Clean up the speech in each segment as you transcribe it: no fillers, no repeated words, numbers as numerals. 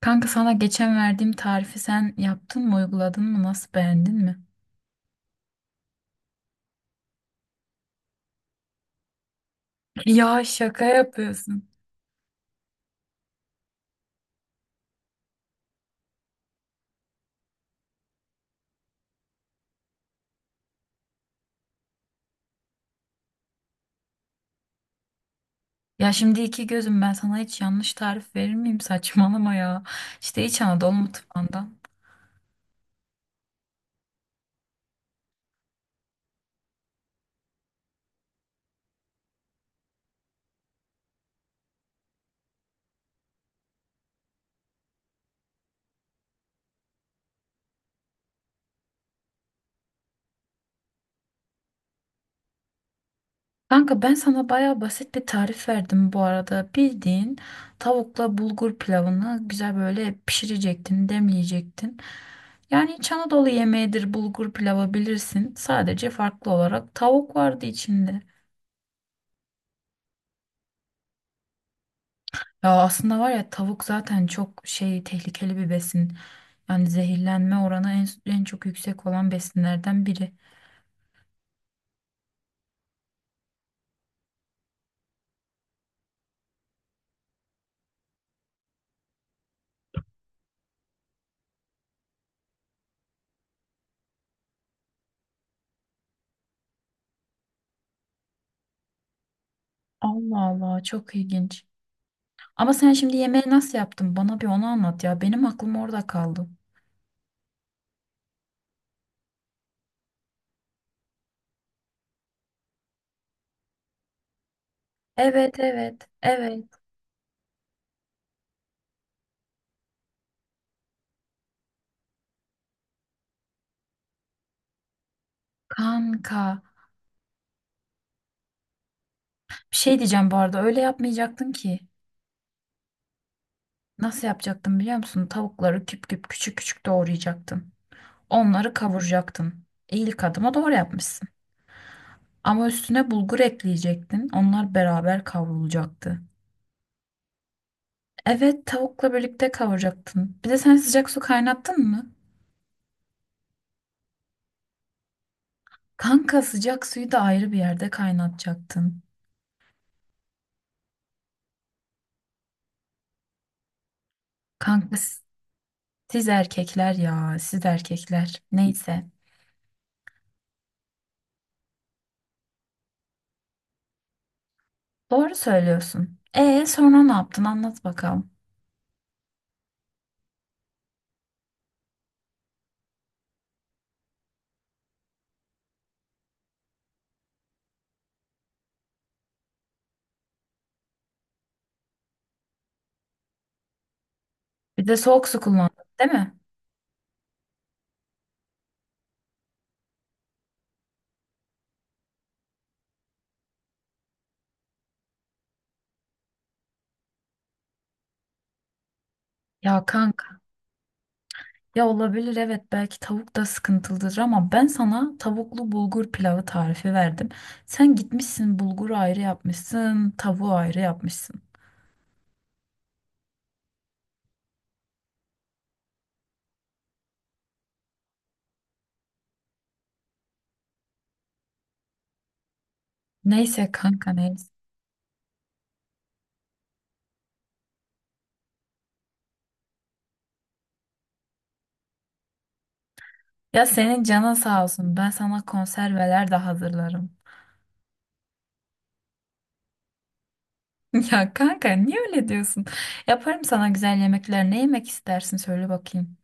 Kanka sana geçen verdiğim tarifi sen yaptın mı, uyguladın mı, nasıl beğendin mi? Ya şaka yapıyorsun. Ya şimdi iki gözüm ben sana hiç yanlış tarif verir miyim? Saçmalama ya. İşte İç Anadolu mutfağından. Kanka ben sana baya basit bir tarif verdim bu arada. Bildiğin tavukla bulgur pilavını güzel böyle pişirecektin, demleyecektin. Yani İç Anadolu yemeğidir bulgur pilavı bilirsin. Sadece farklı olarak tavuk vardı içinde. Ya aslında var ya tavuk zaten çok şey tehlikeli bir besin. Yani zehirlenme oranı en çok yüksek olan besinlerden biri. Allah Allah, çok ilginç. Ama sen şimdi yemeği nasıl yaptın? Bana bir onu anlat ya. Benim aklım orada kaldı. Evet, evet, evet, kanka. Bir şey diyeceğim, bu arada öyle yapmayacaktın ki. Nasıl yapacaktın biliyor musun? Tavukları küp küp, küçük küçük doğrayacaktın. Onları kavuracaktın. İyilik adıma doğru yapmışsın. Ama üstüne bulgur ekleyecektin. Onlar beraber kavrulacaktı. Evet, tavukla birlikte kavuracaktın. Bir de sen sıcak su kaynattın mı? Kanka sıcak suyu da ayrı bir yerde kaynatacaktın. Kanka s- siz erkekler ya, siz erkekler. Neyse. Doğru söylüyorsun. E sonra ne yaptın? Anlat bakalım. Bir de soğuk su kullandın, değil mi? Ya kanka. Ya olabilir, evet, belki tavuk da sıkıntılıdır ama ben sana tavuklu bulgur pilavı tarifi verdim. Sen gitmişsin bulguru ayrı yapmışsın, tavuğu ayrı yapmışsın. Neyse kanka, neyse. Ya senin canın sağ olsun, ben sana konserveler de hazırlarım. Ya kanka niye öyle diyorsun? Yaparım sana güzel yemekler. Ne yemek istersin söyle bakayım.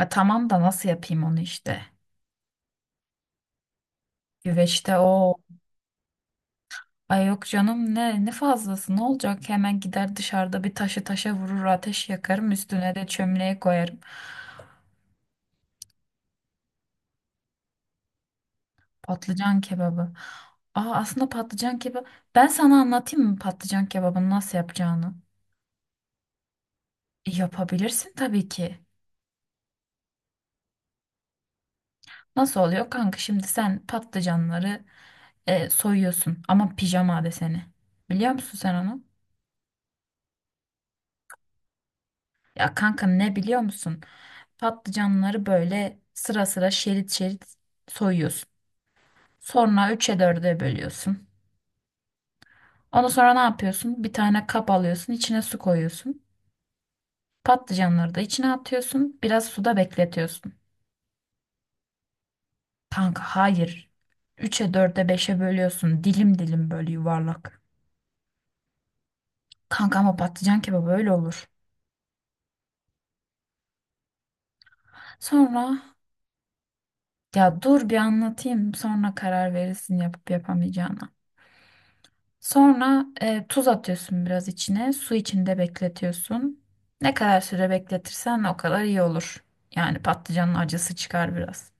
Ya tamam da nasıl yapayım onu işte. Güveçte o... Ay yok canım, ne, ne fazlası ne olacak, hemen gider dışarıda bir taşı taşa vurur ateş yakarım, üstüne de çömleği koyarım. Patlıcan kebabı. Aa, aslında patlıcan kebabı, ben sana anlatayım mı patlıcan kebabını nasıl yapacağını? Yapabilirsin tabii ki. Nasıl oluyor kanka, şimdi sen patlıcanları soyuyorsun ama pijama deseni. Biliyor musun sen onu? Ya kanka, ne biliyor musun? Patlıcanları böyle sıra sıra, şerit şerit soyuyorsun. Sonra üç'e dörde bölüyorsun. Ondan sonra ne yapıyorsun? Bir tane kap alıyorsun, içine su koyuyorsun. Patlıcanları da içine atıyorsun. Biraz suda bekletiyorsun. Kanka hayır. Üçe dörde beşe bölüyorsun. Dilim dilim, böyle yuvarlak. Kanka ama patlıcan kebabı öyle olur. Sonra ya dur bir anlatayım. Sonra karar verirsin yapıp yapamayacağına. Sonra tuz atıyorsun biraz içine. Su içinde bekletiyorsun. Ne kadar süre bekletirsen o kadar iyi olur. Yani patlıcanın acısı çıkar biraz.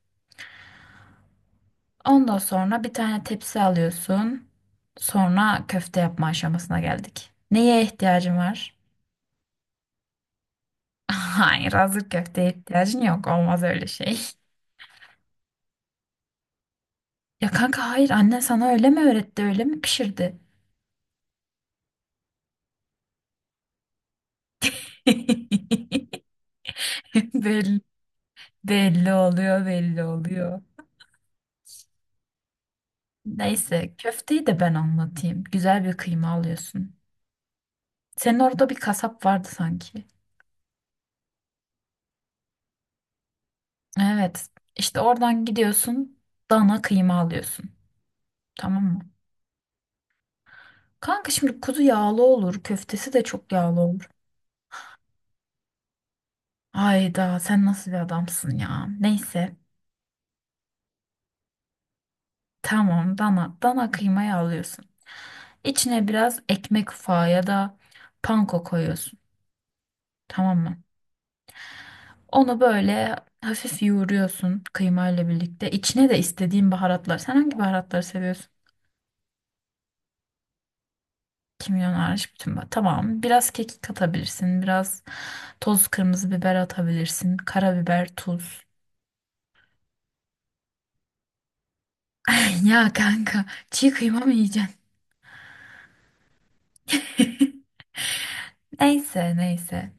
Ondan sonra bir tane tepsi alıyorsun. Sonra köfte yapma aşamasına geldik. Neye ihtiyacın var? Hayır, hazır köfteye ihtiyacın yok. Olmaz öyle şey. Ya kanka hayır, anne sana öyle mi öğretti, öyle mi pişirdi? Belli, belli oluyor, belli oluyor. Neyse köfteyi de ben anlatayım. Güzel bir kıyma alıyorsun. Senin orada bir kasap vardı sanki. Evet. İşte oradan gidiyorsun, dana kıyma alıyorsun. Tamam mı? Kanka şimdi kuzu yağlı olur. Köftesi de çok yağlı olur. Ayda sen nasıl bir adamsın ya. Neyse, tamam, dana kıymayı alıyorsun. İçine biraz ekmek ufağı ya da panko koyuyorsun. Tamam mı? Onu böyle hafif yoğuruyorsun kıymayla birlikte. İçine de istediğin baharatlar. Sen hangi baharatları seviyorsun? Kimyon hariç bütün. Tamam. Biraz kekik katabilirsin. Biraz toz kırmızı biber atabilirsin. Karabiber, tuz. Ya kanka, çiğ kıyma mı yiyeceksin? Neyse, neyse.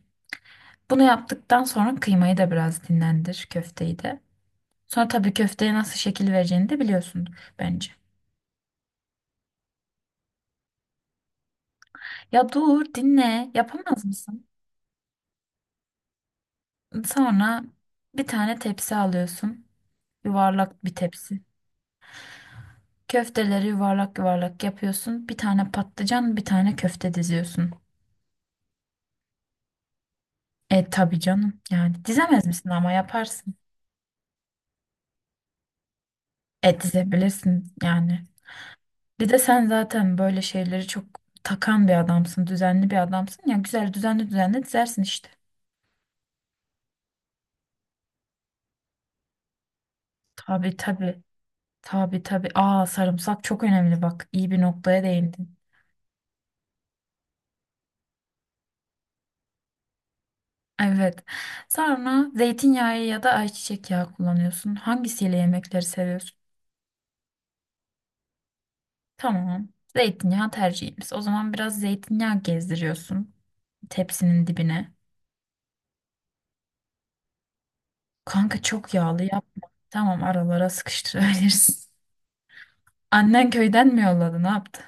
Bunu yaptıktan sonra kıymayı da biraz dinlendir, köfteyi de. Sonra tabii köfteye nasıl şekil vereceğini de biliyorsundur bence. Ya dur dinle, yapamaz mısın? Sonra bir tane tepsi alıyorsun. Yuvarlak bir tepsi. Köfteleri yuvarlak yuvarlak yapıyorsun. Bir tane patlıcan, bir tane köfte diziyorsun. E tabii canım. Yani dizemez misin, ama yaparsın. E dizebilirsin yani. Bir de sen zaten böyle şeyleri çok takan bir adamsın. Düzenli bir adamsın. Ya güzel, düzenli düzenli dizersin işte. Tabii tabii. Tabii tabii. Aa, sarımsak çok önemli bak. İyi bir noktaya değindin. Evet. Sonra zeytinyağı ya da ayçiçek yağı kullanıyorsun. Hangisiyle yemekleri seviyorsun? Tamam. Zeytinyağı tercihimiz. O zaman biraz zeytinyağı gezdiriyorsun tepsinin dibine. Kanka çok yağlı yapma. Tamam, aralara sıkıştırabilirsin. Annen köyden mi yolladı, ne yaptı?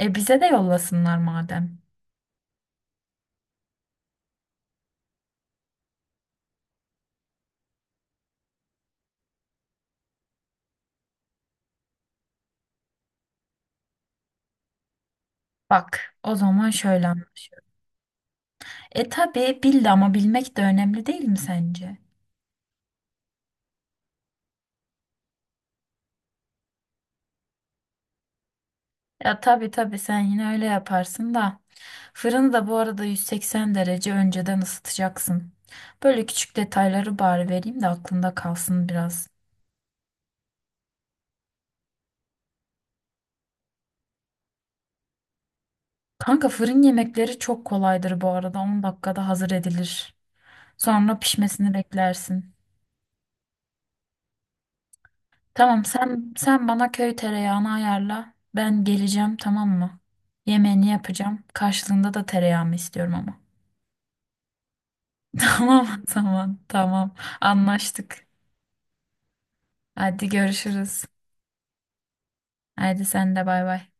E bize de yollasınlar madem. Bak o zaman şöyle. E tabii bildi, ama bilmek de önemli değil mi sence? Ya tabii tabii, sen yine öyle yaparsın da. Fırını da bu arada 180 derece önceden ısıtacaksın. Böyle küçük detayları bari vereyim de aklında kalsın biraz. Kanka fırın yemekleri çok kolaydır bu arada. 10 dakikada hazır edilir. Sonra pişmesini beklersin. Tamam, sen bana köy tereyağını ayarla. Ben geleceğim, tamam mı? Yemeğini yapacağım. Karşılığında da tereyağımı istiyorum ama. Tamam, tamam, tamam. Anlaştık. Hadi görüşürüz. Hadi sen de bay bay.